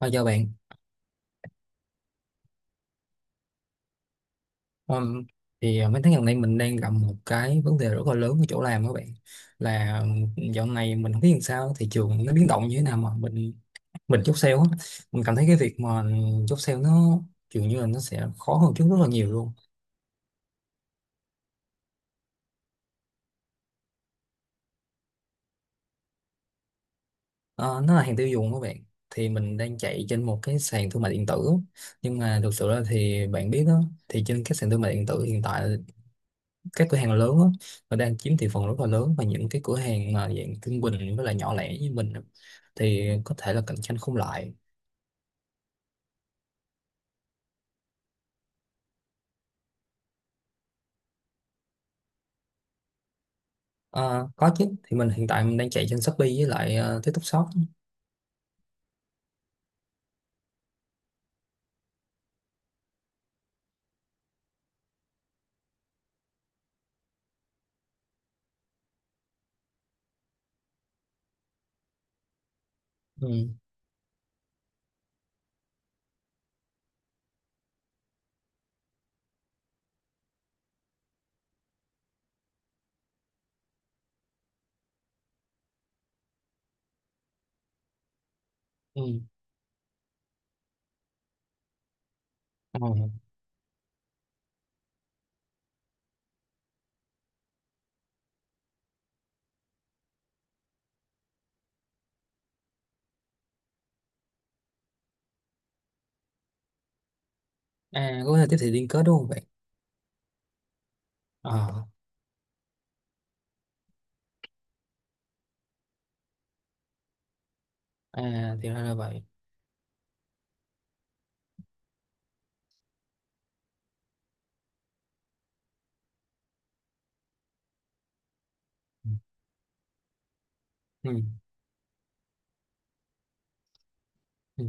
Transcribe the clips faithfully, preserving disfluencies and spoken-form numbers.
Thôi chào bạn. Ừm, thì ờ, mấy tháng gần đây mình đang gặp một cái vấn đề rất là lớn ở chỗ làm các bạn, là dạo này mình không biết làm sao thị trường nó biến động như thế nào mà mình mình chốt sale á. Mình cảm thấy cái việc mà chốt sale nó dường như là nó sẽ khó hơn trước rất là nhiều luôn. Ờ, nó là hàng tiêu dùng các bạn, thì mình đang chạy trên một cái sàn thương mại điện tử. Nhưng mà thực sự là thì bạn biết đó, thì trên các sàn thương mại điện tử hiện tại, các cửa hàng lớn á, nó đang chiếm thị phần rất là lớn, và những cái cửa hàng mà dạng trung bình với lại nhỏ lẻ như mình á, thì có thể là cạnh tranh không lại. Ờ, có chứ, thì mình hiện tại mình đang chạy trên Shopee với lại ờ, TikTok Shop. Ừ, ừ, ờ. À, có thể tiếp thị liên kết đúng không bạn? Ờ, à, thì ra là vậy. Ừ, ừ. Ừ.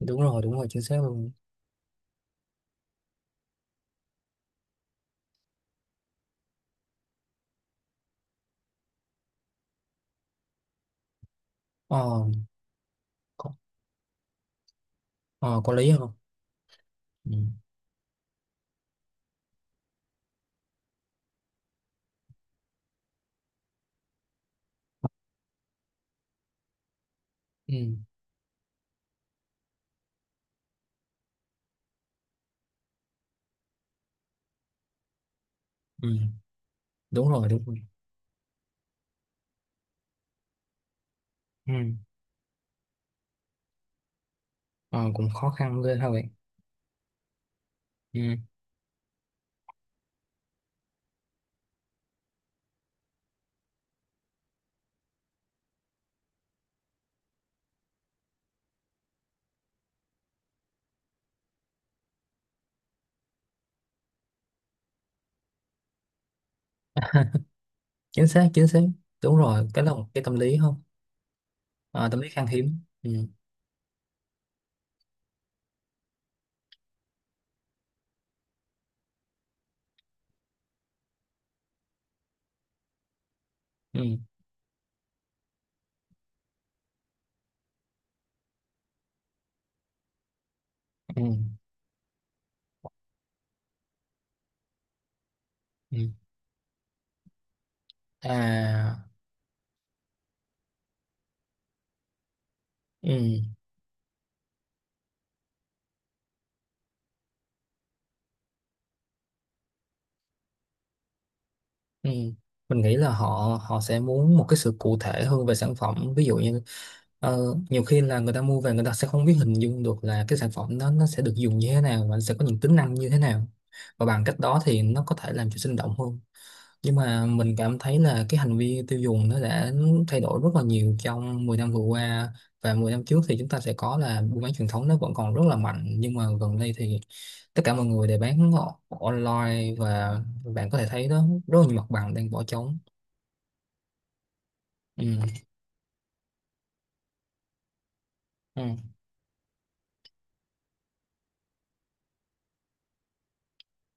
Đúng rồi, đúng rồi, chính xác luôn. Ờ, có. Ờ, có lý không? Ừ, ừ, ừ. Đúng rồi, đúng rồi. Ừ. Ờ, cũng khó khăn ghê ha bạn. Ừ. Chính xác, chính xác. Đúng rồi, cái là một cái tâm lý không? À, tâm lý khan hiếm. Ừ. Ừ. Ừ. Ừ. À. Ừ. Ừ. Mình nghĩ là họ họ sẽ muốn một cái sự cụ thể hơn về sản phẩm, ví dụ như ờ, nhiều khi là người ta mua về người ta sẽ không biết hình dung được là cái sản phẩm đó nó sẽ được dùng như thế nào và nó sẽ có những tính năng như thế nào, và bằng cách đó thì nó có thể làm cho sinh động hơn. Nhưng mà mình cảm thấy là cái hành vi tiêu dùng nó đã thay đổi rất là nhiều trong mười năm vừa qua, và mười năm trước thì chúng ta sẽ có là buôn bán truyền thống nó vẫn còn rất là mạnh, nhưng mà gần đây thì tất cả mọi người đều bán o- online, và bạn có thể thấy đó rất là nhiều mặt bằng đang bỏ trống. Ừ. Ừ.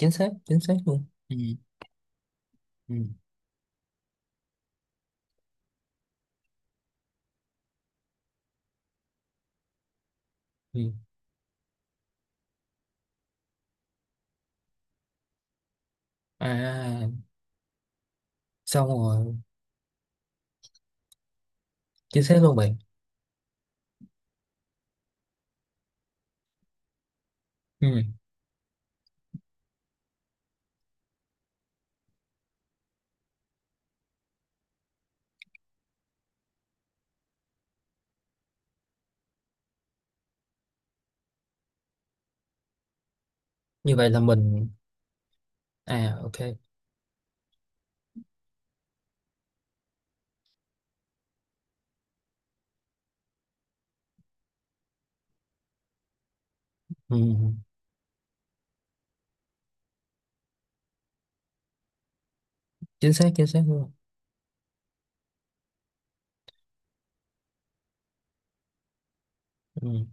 Chính xác, chính xác luôn. Ừ. Ừ. Ừ. À. Xong rồi. Chính xác luôn bạn. Ừ. Như vậy là mình. À, ok. Ừ. Chính xác, chính xác luôn. Ừ.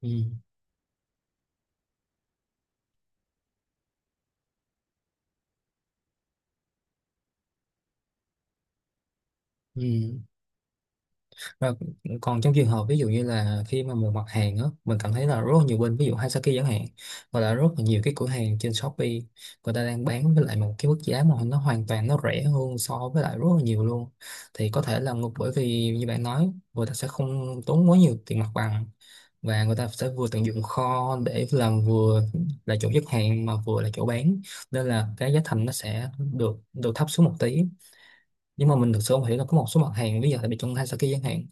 Ừ. Ừ. Và còn trong trường hợp ví dụ như là khi mà một mặt hàng á, mình cảm thấy là rất là nhiều bên, ví dụ Hasaki chẳng hạn, hoặc là rất là nhiều cái cửa hàng trên Shopee, người ta đang bán với lại một cái mức giá mà nó hoàn toàn nó rẻ hơn so với lại rất là nhiều luôn. Thì có thể là ngược, bởi vì như bạn nói, người ta sẽ không tốn quá nhiều tiền mặt bằng, và người ta sẽ vừa tận dụng kho để làm, vừa là chỗ xuất hàng mà vừa là chỗ bán, nên là cái giá thành nó sẽ được được thấp xuống một tí. Nhưng mà mình thực sự không hiểu là có một số mặt hàng bây giờ, tại vì trong Hasaki chẳng hạn,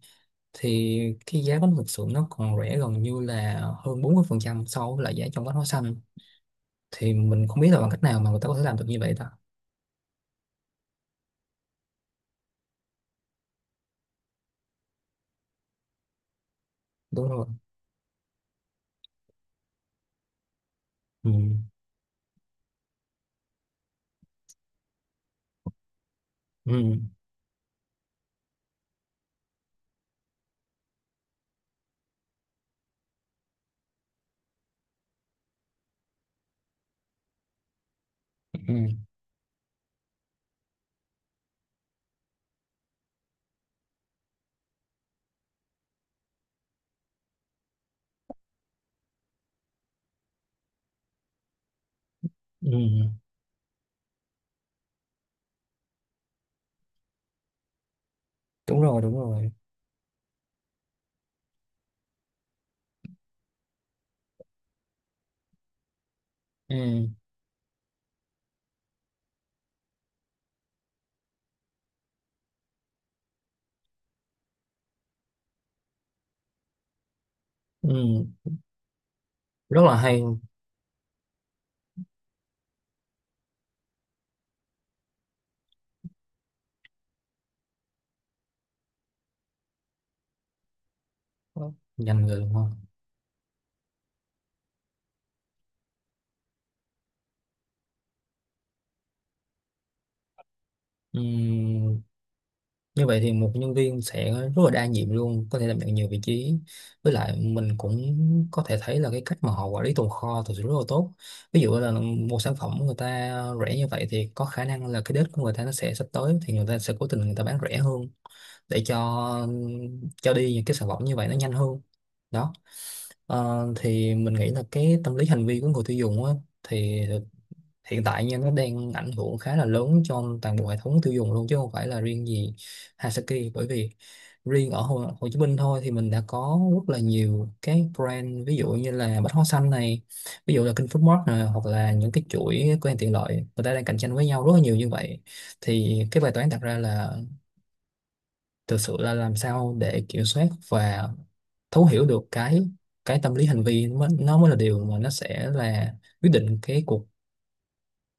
thì cái giá bánh mực sườn nó còn rẻ gần như là hơn bốn mươi phần trăm so với lại giá trong bánh hóa xanh. Thì mình không biết là bằng cách nào mà người ta có thể làm được như vậy ta. Đúng rồi. Ừ. Ừ. Ừ. Ừ. Đúng rồi, đúng rồi. Ừ. Ừ. Rất là hay. Ngành nghề đúng không? Ừ. Như vậy thì một nhân viên sẽ rất là đa nhiệm luôn, có thể đảm nhận nhiều vị trí. Với lại mình cũng có thể thấy là cái cách mà họ quản lý tồn kho thực sự rất là tốt. Ví dụ là một sản phẩm người ta rẻ như vậy thì có khả năng là cái date của người ta nó sẽ sắp tới, thì người ta sẽ cố tình người ta bán rẻ hơn để cho cho đi những cái sản phẩm như vậy nó nhanh hơn. Đó. Ờ, thì mình nghĩ là cái tâm lý hành vi của người tiêu dùng á, thì hiện tại nha nó đang ảnh hưởng khá là lớn cho toàn bộ hệ thống tiêu dùng luôn, chứ không phải là riêng gì Hasaki. Bởi vì riêng ở Hồ, Hồ Chí Minh thôi thì mình đã có rất là nhiều cái brand, ví dụ như là Bách Hóa Xanh này, ví dụ là King Foodmart này, hoặc là những cái chuỗi cửa hàng tiện lợi, người ta đang cạnh tranh với nhau rất là nhiều như vậy. Thì cái bài toán đặt ra là thực sự là làm sao để kiểm soát và thấu hiểu được cái cái tâm lý hành vi, nó mới nó mới là điều mà nó sẽ là quyết định cái cuộc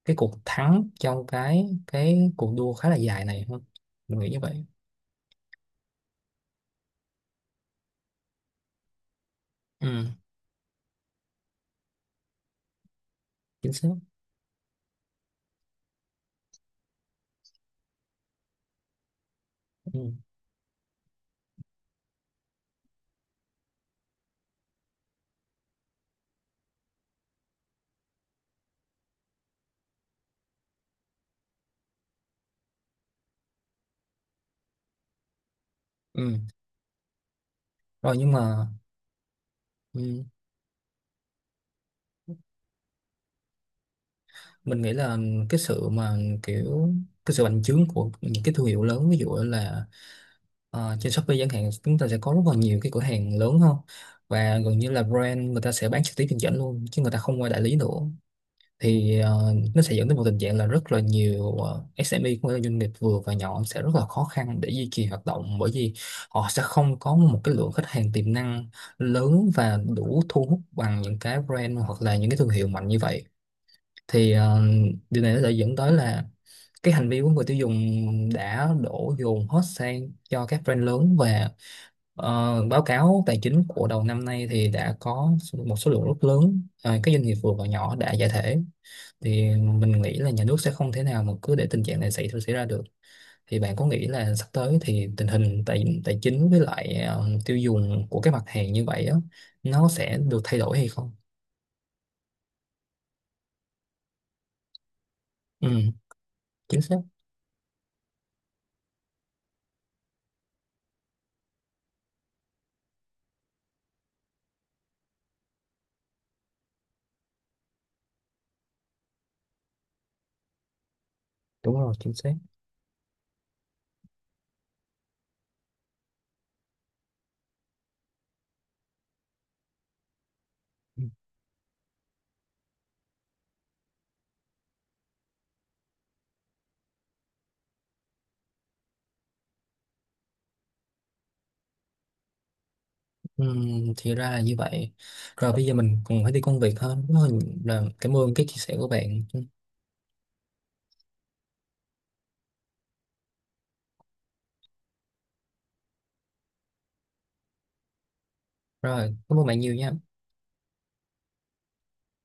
cái cuộc thắng trong cái cái cuộc đua khá là dài này hơn. Mình nghĩ như vậy. Ừ, chính xác. Ừ. Ừ. Rồi nhưng mà. Ừ, mình nghĩ là cái sự mà, kiểu, cái sự bành trướng của những cái thương hiệu lớn, ví dụ là ờ, trên Shopee chẳng hạn, chúng ta sẽ có rất là nhiều cái cửa hàng lớn hơn, và gần như là brand người ta sẽ bán trực tiếp trên dẫn luôn chứ người ta không qua đại lý nữa. Thì ờ, nó sẽ dẫn đến một tình trạng là rất là nhiều ờ, ét em e cũng như là doanh nghiệp vừa và nhỏ sẽ rất là khó khăn để duy trì hoạt động, bởi vì họ sẽ không có một cái lượng khách hàng tiềm năng lớn và đủ thu hút bằng những cái brand hoặc là những cái thương hiệu mạnh như vậy. Thì ờ, điều này nó sẽ dẫn tới là cái hành vi của người tiêu dùng đã đổ dồn hết sang cho các brand lớn. Và ờ, báo cáo tài chính của đầu năm nay thì đã có một số lượng rất lớn ờ, các doanh nghiệp vừa và nhỏ đã giải thể. Thì mình nghĩ là nhà nước sẽ không thể nào mà cứ để tình trạng này xảy xảy ra được. Thì bạn có nghĩ là sắp tới thì tình hình tài tài chính với lại ờ, tiêu dùng của các mặt hàng như vậy á nó sẽ được thay đổi hay không? Ừ, chính xác. Đúng rồi, chính xác. Ừ, thì ra là như vậy. Rồi bây giờ mình còn phải đi công việc hơn. Rất là cảm ơn cái chia sẻ của bạn. Ừ, rồi cảm ơn bạn nhiều nha